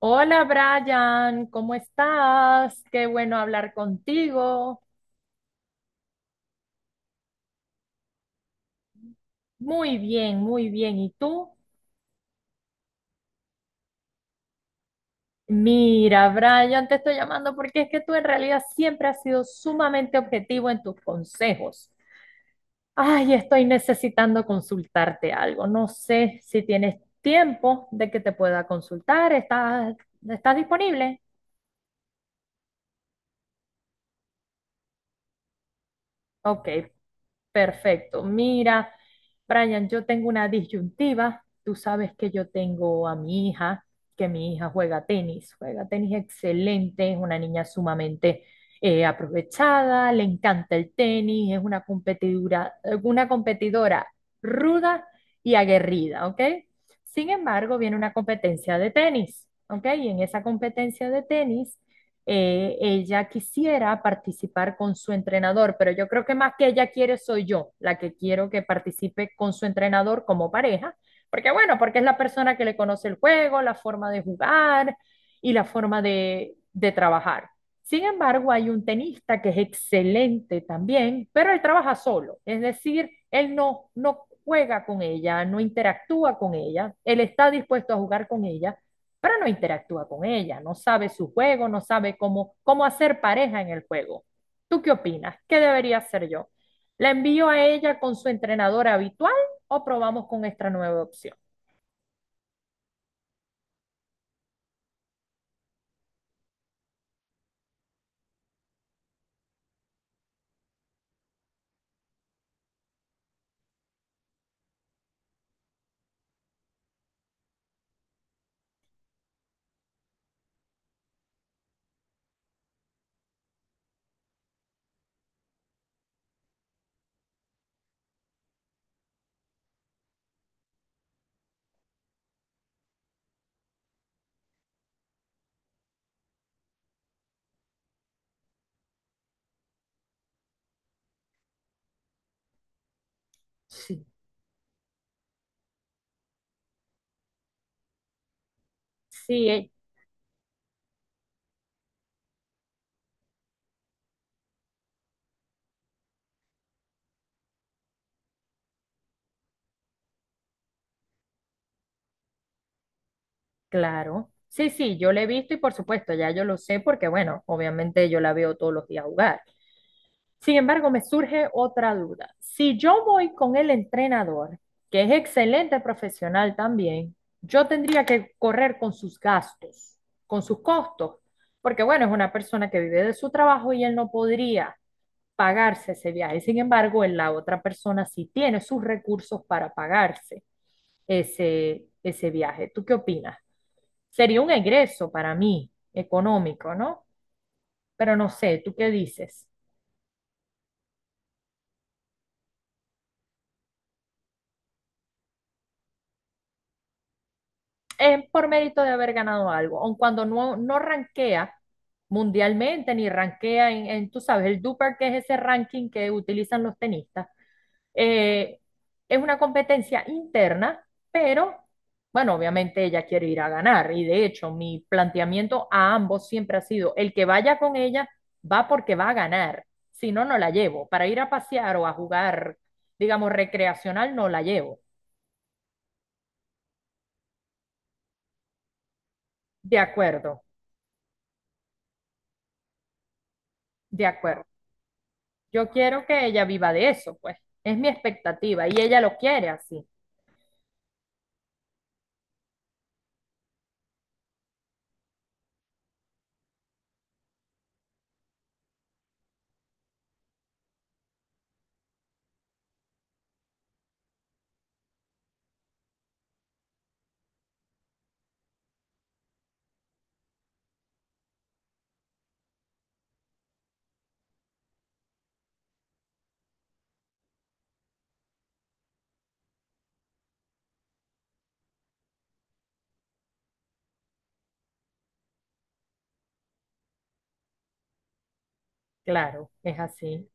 Hola Brian, ¿cómo estás? Qué bueno hablar contigo. Muy bien, muy bien. ¿Y tú? Mira, Brian, te estoy llamando porque es que tú en realidad siempre has sido sumamente objetivo en tus consejos. Ay, estoy necesitando consultarte algo. No sé si tienes tiempo de que te pueda consultar. ¿Estás disponible? Ok, perfecto. Mira, Brian, yo tengo una disyuntiva. Tú sabes que yo tengo a mi hija, que mi hija juega tenis excelente, es una niña sumamente aprovechada, le encanta el tenis, es una competidora ruda y aguerrida, ¿ok? Sin embargo, viene una competencia de tenis, ¿ok? Y en esa competencia de tenis ella quisiera participar con su entrenador, pero yo creo que más que ella quiere soy yo, la que quiero que participe con su entrenador como pareja, porque bueno, porque es la persona que le conoce el juego, la forma de jugar y la forma de trabajar. Sin embargo, hay un tenista que es excelente también, pero él trabaja solo, es decir, él no juega con ella, no interactúa con ella, él está dispuesto a jugar con ella, pero no interactúa con ella, no sabe su juego, no sabe cómo hacer pareja en el juego. ¿Tú qué opinas? ¿Qué debería hacer yo? ¿La envío a ella con su entrenadora habitual o probamos con esta nueva opción? Sí. Sí, claro. Sí, yo la he visto y por supuesto, ya yo lo sé porque, bueno, obviamente yo la veo todos los días jugar. Sin embargo, me surge otra duda. Si yo voy con el entrenador, que es excelente profesional también, yo tendría que correr con sus gastos, con sus costos, porque bueno, es una persona que vive de su trabajo y él no podría pagarse ese viaje. Sin embargo, en la otra persona sí tiene sus recursos para pagarse ese viaje. ¿Tú qué opinas? Sería un egreso para mí económico, ¿no? Pero no sé, ¿tú qué dices? Es por mérito de haber ganado algo, aun cuando no rankea mundialmente ni rankea en, tú sabes, el Duper, que es ese ranking que utilizan los tenistas. Eh, es una competencia interna, pero bueno, obviamente ella quiere ir a ganar y de hecho mi planteamiento a ambos siempre ha sido, el que vaya con ella va porque va a ganar, si no, no la llevo. Para ir a pasear o a jugar, digamos, recreacional, no la llevo. De acuerdo, de acuerdo. Yo quiero que ella viva de eso, pues. Es mi expectativa y ella lo quiere así. Claro, es así.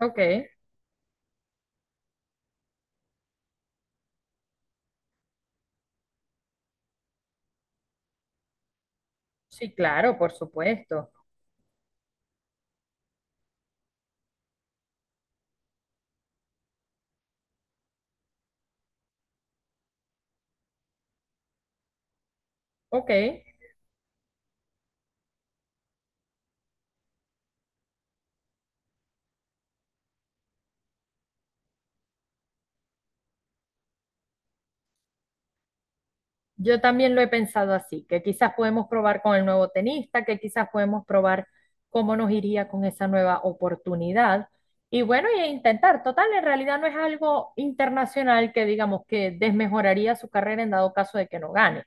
Ok, sí, claro, por supuesto. Ok, yo también lo he pensado así, que quizás podemos probar con el nuevo tenista, que quizás podemos probar cómo nos iría con esa nueva oportunidad. Y bueno, y intentar, total, en realidad no es algo internacional que digamos que desmejoraría su carrera en dado caso de que no gane.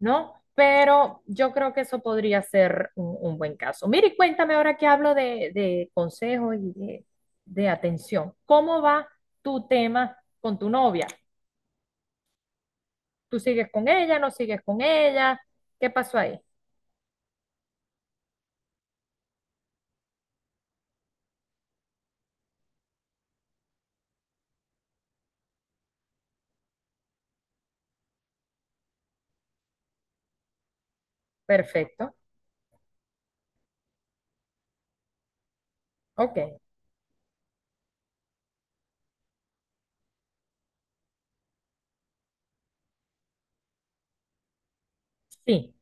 ¿No? Pero yo creo que eso podría ser un buen caso. Mire, y cuéntame ahora que hablo de consejos y de atención. ¿Cómo va tu tema con tu novia? ¿Tú sigues con ella? ¿No sigues con ella? ¿Qué pasó ahí? Perfecto. Ok. Sí.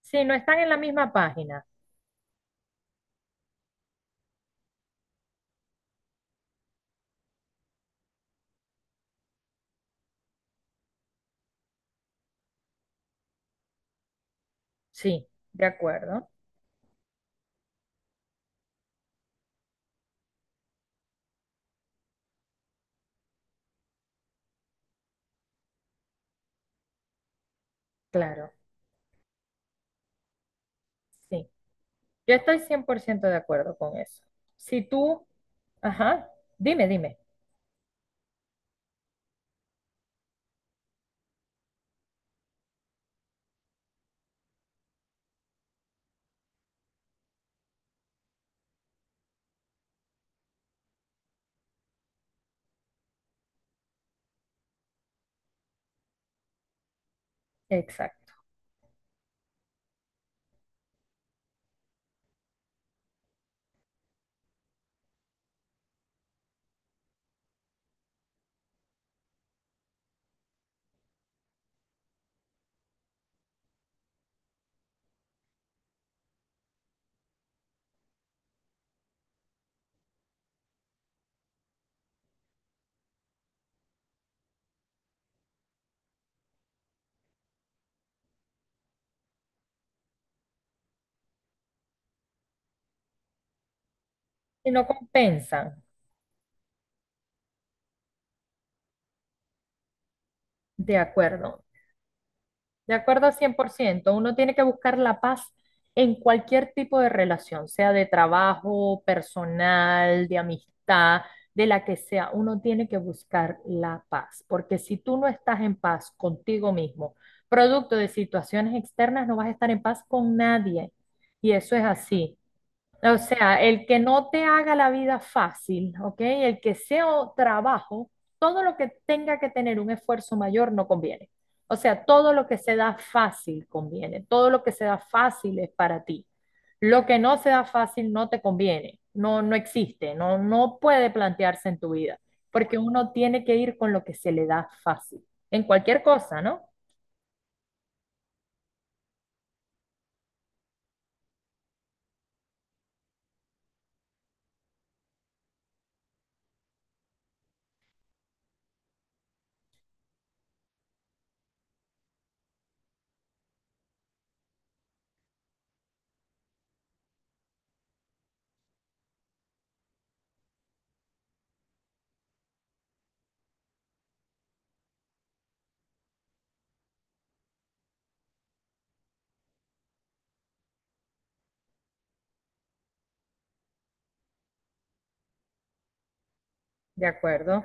Sí, no están en la misma página. Sí, de acuerdo. Claro. Sí. Yo estoy 100% de acuerdo con eso. Si tú, ajá, dime, dime. Exacto. Si no compensan. De acuerdo, de acuerdo a 100%. Uno tiene que buscar la paz en cualquier tipo de relación, sea de trabajo, personal, de amistad, de la que sea. Uno tiene que buscar la paz, porque si tú no estás en paz contigo mismo, producto de situaciones externas, no vas a estar en paz con nadie. Y eso es así. O sea, el que no te haga la vida fácil, ¿ok? El que sea o- trabajo, todo lo que tenga que tener un esfuerzo mayor no conviene. O sea, todo lo que se da fácil conviene, todo lo que se da fácil es para ti. Lo que no se da fácil no te conviene, no existe, no puede plantearse en tu vida, porque uno tiene que ir con lo que se le da fácil, en cualquier cosa, ¿no? De acuerdo,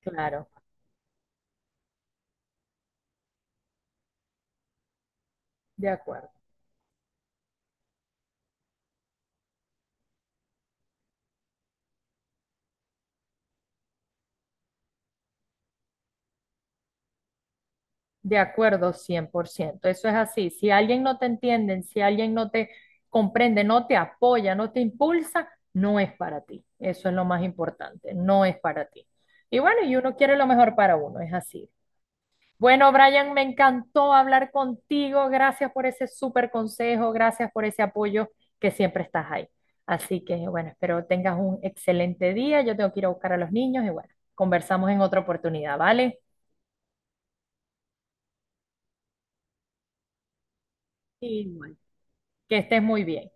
claro, de acuerdo. De acuerdo, 100%. Eso es así. Si alguien no te entiende, si alguien no te comprende, no te apoya, no te impulsa, no es para ti. Eso es lo más importante, no es para ti. Y bueno, y uno quiere lo mejor para uno, es así. Bueno, Brian, me encantó hablar contigo. Gracias por ese súper consejo, gracias por ese apoyo que siempre estás ahí. Así que bueno, espero tengas un excelente día. Yo tengo que ir a buscar a los niños y bueno, conversamos en otra oportunidad, ¿vale? Igual. Que estés muy bien.